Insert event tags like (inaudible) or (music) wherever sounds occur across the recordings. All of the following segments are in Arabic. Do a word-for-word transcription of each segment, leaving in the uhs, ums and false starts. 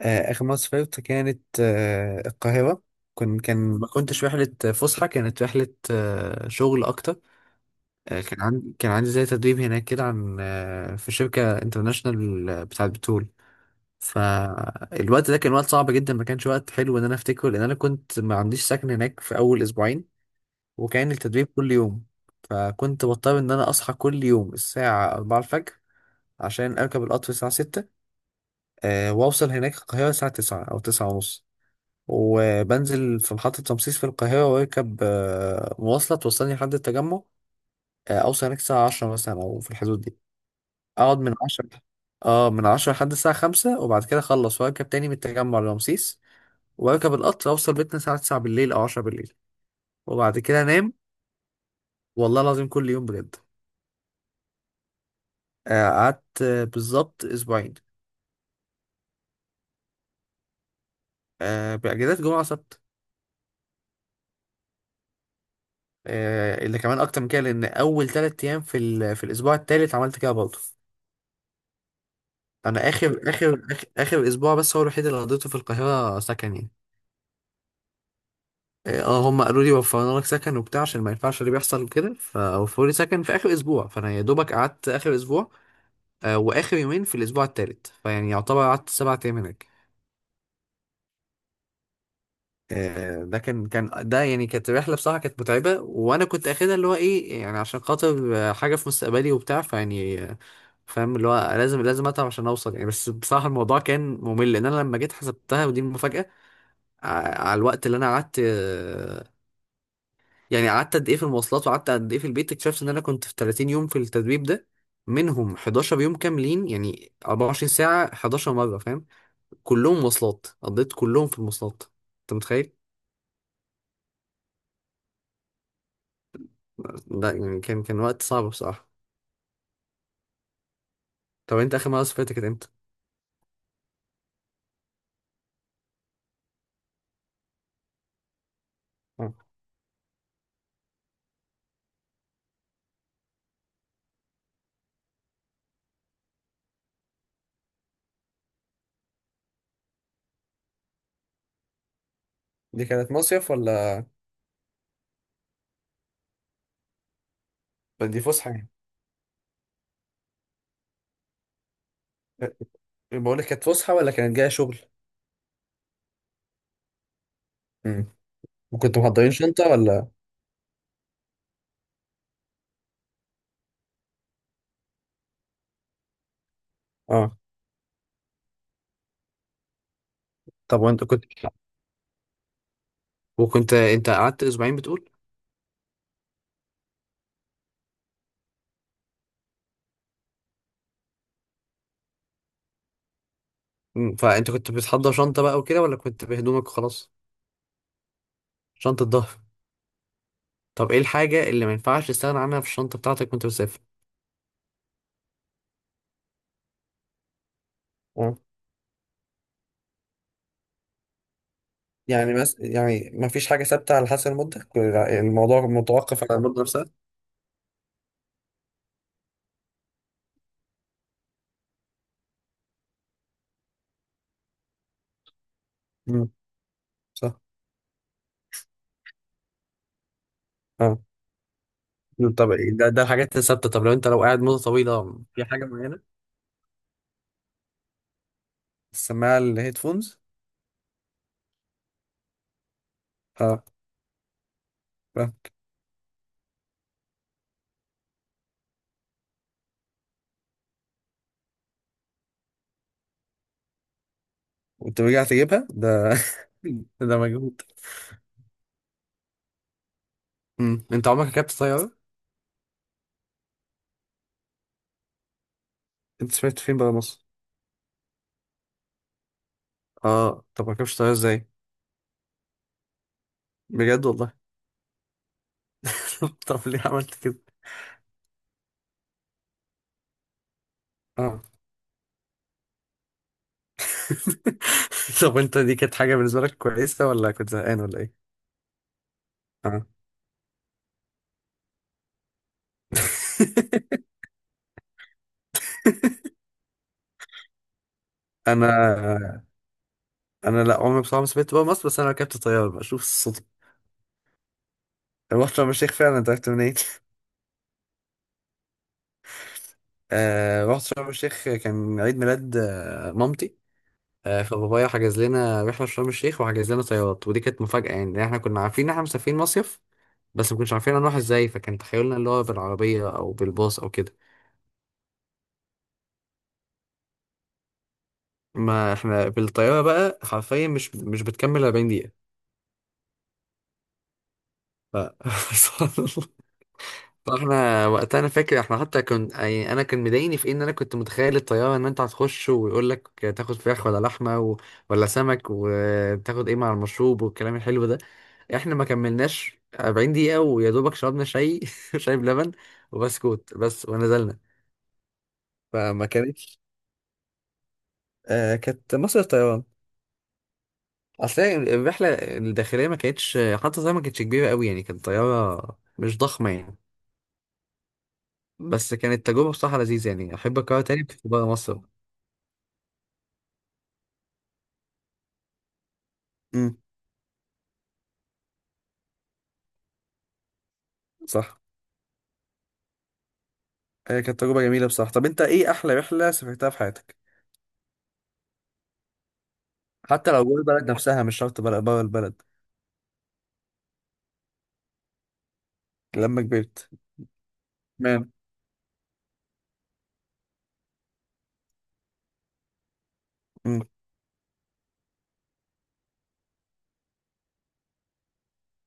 آه، آخر مرة سافرت كانت، آه، القاهرة. كن كان ما كنتش رحلة فسحة، كانت رحلة آه، شغل أكتر. آه، كان عندي كان عندي زي تدريب هناك كده، عن آه، في شركة انترناشونال بتاعة بترول. فالوقت ده كان وقت صعب جدا، ما كانش وقت حلو إن أنا أفتكره، لأن أنا كنت ما عنديش سكن هناك في أول أسبوعين، وكان التدريب كل يوم، فكنت بضطر إن أنا أصحى كل يوم الساعة الرابعة الفجر عشان أركب القطر الساعة ستة. آه، وأوصل هناك القاهرة الساعة تسعة أو تسعة ونص، وبنزل في محطة رمسيس في القاهرة، واركب آه، مواصلة توصلني لحد التجمع. آه، أوصل هناك الساعة عشرة مثلا أو في الحدود دي. أقعد من عشرة، اه من عشرة لحد الساعة خمسة، وبعد كده أخلص وأركب تاني من التجمع لرمسيس، وأركب القطر أوصل بيتنا الساعة تسعة بالليل أو عشرة بالليل، وبعد كده أنام. والله العظيم كل يوم بجد. آه، قعدت آه، بالظبط أسبوعين. آه، بأجازات، جمعة سبت. آه، اللي كمان أكتر من كده، لأن أول تلات أيام في ال- في الأسبوع التالت عملت كده برضه. انا اخر اخر اخر, آخر اسبوع بس هو الوحيد اللي قضيته في القاهره سكن يعني. اه، هم قالوا لي وفرنا لك سكن وبتاع، عشان ما ينفعش اللي بيحصل وكده، فوفروا لي سكن في اخر اسبوع، فانا يا دوبك قعدت اخر اسبوع. آه، واخر يومين في الاسبوع الثالث، فيعني يعتبر قعدت سبع ايام هناك. آه، ده كان كان ده يعني كانت رحله بصراحه، كانت متعبه، وانا كنت اخدها اللي هو ايه يعني عشان خاطر آه، حاجه في مستقبلي وبتاع، فيعني آه، فاهم اللي هو لازم لازم اتعب عشان اوصل يعني. بس بصراحه الموضوع كان ممل، لان انا لما جيت حسبتها ودي المفاجاه. ع- على الوقت اللي انا قعدت، آه، يعني قعدت قد ايه في المواصلات وقعدت قد ايه في البيت، اكتشفت ان انا كنت في تلاتين يوم في التدريب ده. منهم حداشر يوم كاملين، يعني أربعة وعشرين ساعة حداشر مرة، فاهم؟ كلهم مواصلات، قضيت كلهم في المواصلات. انت متخيل؟ ده يعني كان كان وقت صعب بصراحة. طب انت اخر مرة سافرت كانت امتى؟ آه. دي كانت مصيف ولا؟ دي فسحة يعني؟ بقول لك كانت فسحة ولا كانت جاية شغل؟ امم. وكنتوا محضرين شنطة ولا؟ اه. طب وانت كنت وكنت انت قعدت اسبوعين بتقول؟ مم، فانت كنت بتحضر شنطة بقى وكده، ولا كنت بهدومك وخلاص؟ شنطة ظهر. طب ايه الحاجة اللي ما ينفعش تستغنى عنها في الشنطة بتاعتك وانت بتسافر؟ اه. يعني بس يعني ما فيش حاجة ثابتة على حسب المدة، يعني الموضوع متوقف على المدة نفسها. مم، صح. اه، طب إيه ده؟ ده الحاجات الثابتة. طب لو انت لو قاعد مدة طويلة في حاجة معينة؟ السماعة، الهيدفونز؟ اه، فاهم. كنت رجعت اجيبها ده؟ (laughs) ده مجهود. مم. انت عمرك ركبت طيارة؟ انت سمعت فين بقى مصر؟ اه، طب ما ركبتش طيارة ازاي؟ بجد والله؟ (laughs) طب ليه عملت كده؟ اه. (laughs) طب انت دي كانت حاجة بالنسبة لك كويسة ولا كنت زهقان ولا ايه؟ اه. (laughs) انا انا لا عمري بصراحة ما سافرت بقى مصر، بس انا ركبت طيارة بشوف الصدفة. رحت شرم الشيخ فعلا. انت عرفت منين؟ (laughs) آه، رحت شرم الشيخ، كان عيد ميلاد آه، مامتي. آه، فبابايا حجز لنا رحلة في شرم الشيخ وحجز لنا طيارات، ودي كانت مفاجأة يعني، لأن احنا كنا عارفين ان احنا مسافرين مصيف، بس ما كناش عارفين هنروح ازاي، فكان تخيلنا اللي هو بالعربية او بالباص او كده. ما احنا بالطيارة بقى حرفيا مش مش بتكمل أربعين دقيقة. ف... (laughs) سبحان الله. فاحنا وقتها انا فاكر احنا حتى كنت يعني انا كان مضايقني في إيه؟ ان انا كنت متخيل الطيارة ان انت هتخش ويقول لك تاخد فراخ ولا لحمة و... ولا سمك، وتاخد ايه مع المشروب والكلام الحلو ده؟ احنا ما كملناش أربعين دقيقة، ويا دوبك شربنا شاي (laughs) شاي بلبن وبسكوت بس، ونزلنا. فما كانتش آه كانت مصر الطيران. اصل هي الرحله الداخليه ما كانتش، حتى زي ما كانتش كبيره قوي يعني، كانت طياره مش ضخمه يعني. بس كانت تجربه بصراحه لذيذه، يعني احب اكررها تاني بس بره مصر. امم. صح. هي كانت تجربة جميلة بصراحة. طب انت ايه احلى رحلة سافرتها في حياتك؟ حتى لو جوه البلد نفسها، مش شرط بره، بره البلد. لما كبرت. تمام. امم.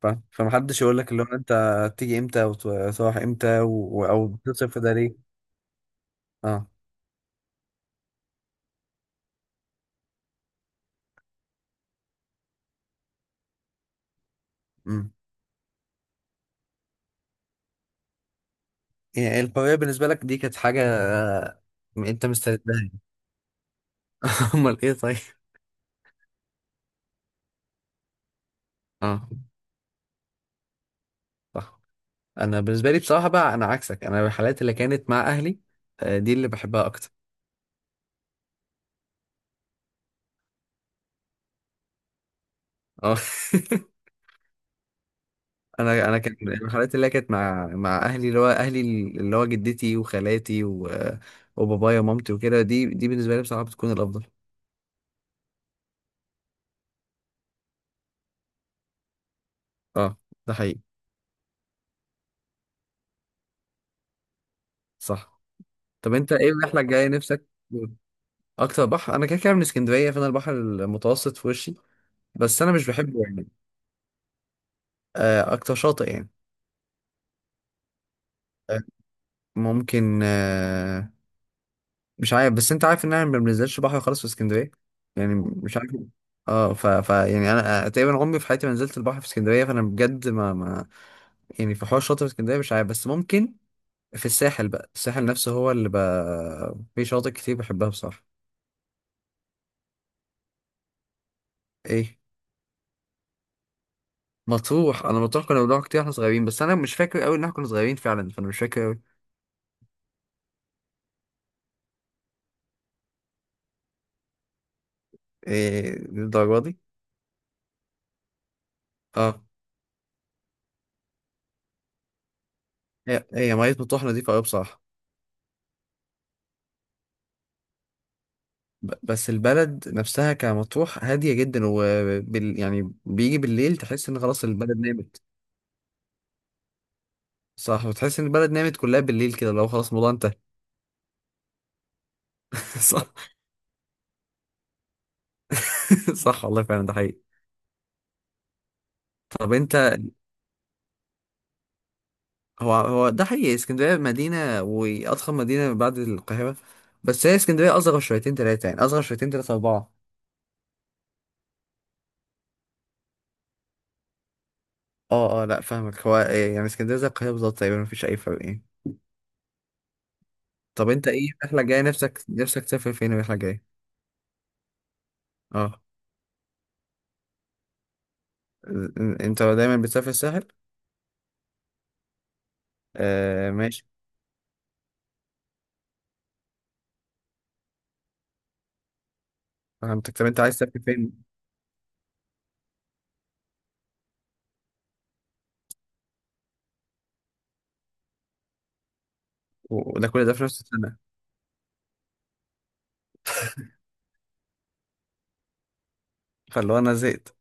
فاهم. فمحدش يقول لك اللي هو انت تيجي امتى وتروح امتى، و... او بتصرف في ده ليه؟ اه. امم. يعني الحرية بالنسبة لك دي كانت حاجة، آه، انت مستعد لها؟ (laughs) امال ايه طيب؟ اه، صح. انا بالنسبه لي بصراحه بقى، انا عكسك، انا الحالات اللي كانت مع اهلي، آه، دي اللي بحبها اكتر. اه. (laughs) انا انا كان الحالات اللي كانت مع مع اهلي، اللي هو اهلي، اللي هو جدتي وخالاتي و... وبابايا ومامتي وكده، دي دي بالنسبه لي بصراحه بتكون الافضل. اه، ده حقيقي. صح. طب انت ايه الرحله الجايه نفسك؟ اكتر بحر؟ انا كده كده من اسكندريه، فانا البحر المتوسط في وشي، بس انا مش بحبه يعني. آه، اكتر شاطئ يعني. آه، ممكن. آه، مش عارف، بس انت عارف ان انا ما بنزلش بحر خالص في اسكندريه، يعني مش عارف. اه. ف... ف يعني انا آه، تقريبا عمري في حياتي ما نزلت البحر في اسكندريه، فانا بجد ما, ما يعني. في حوار شاطئ في اسكندريه مش عارف، بس ممكن في الساحل بقى. الساحل نفسه هو اللي بقى في شواطئ كتير بحبها بصراحه. ايه؟ مطروح؟ انا مطروح كنا بنروح كتير واحنا صغيرين، بس انا مش فاكر قوي ان احنا كنا صغيرين فعلا، فانا مش فاكر قوي. ايه الدرجه دي؟ اه، هي هي ميه مطروح نظيفه قوي بصراحه. ب- بس البلد نفسها كمطروح هادية جدا، وبال يعني بيجي بالليل تحس ان خلاص البلد نامت. صح. وتحس ان البلد نامت كلها بالليل كده، لو خلاص الموضوع انتهى. (laughs) صح. (laughs) صح والله، فعلا ده حقيقي. طب انت هو هو ده حقيقي، اسكندرية مدينة واضخم مدينة بعد القاهرة، بس هي اسكندرية اصغر شويتين تلاتة، يعني اصغر شويتين تلاتة اربعة. اه، اه، لا فاهمك. هو إيه؟ يعني اسكندرية زي القاهرة بالظبط تقريبا، مفيش اي فرق يعني. طب انت ايه الرحلة الجاية، نفسك نفسك تسافر فين الرحلة الجاية؟ اه. ال- انت دايما بتسافر الساحل؟ آه، ماشي. فهمتك. طب انت عايز تسافر فين؟ و- وده كل ده في نفس السنة؟ فاللي هو انا زهقت.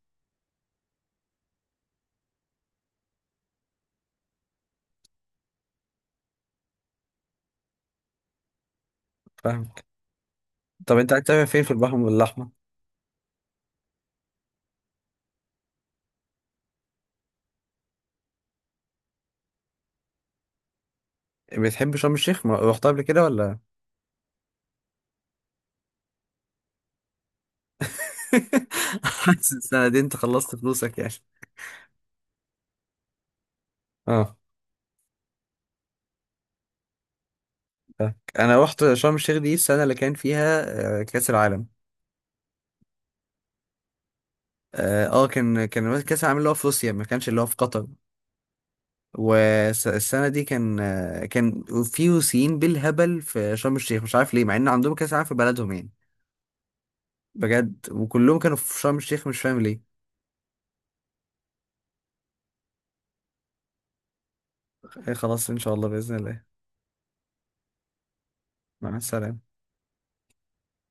فاهمك. طب انت عايز تسافر فين في البحر الأحمر؟ بتحب شرم الشيخ؟ ما رحتها قبل كده ولا؟ (laughs) حاسس السنة دي انت خلصت فلوسك يعني؟ اه، فاهمك. انا رحت شرم الشيخ دي السنة اللي كان فيها آه، كأس العالم. اه. آه، كان كان كأس العالم اللي هو في روسيا، ما كانش اللي هو في قطر. والسنة دي كان آه، كان في روسيين بالهبل في شرم الشيخ، مش عارف ليه، مع ان عندهم كأس العالم في بلدهم يعني. بجد وكلهم كانوا في شرم الشيخ، مش فاهم ليه. خلاص ان شاء الله باذن الله. مع السلامه.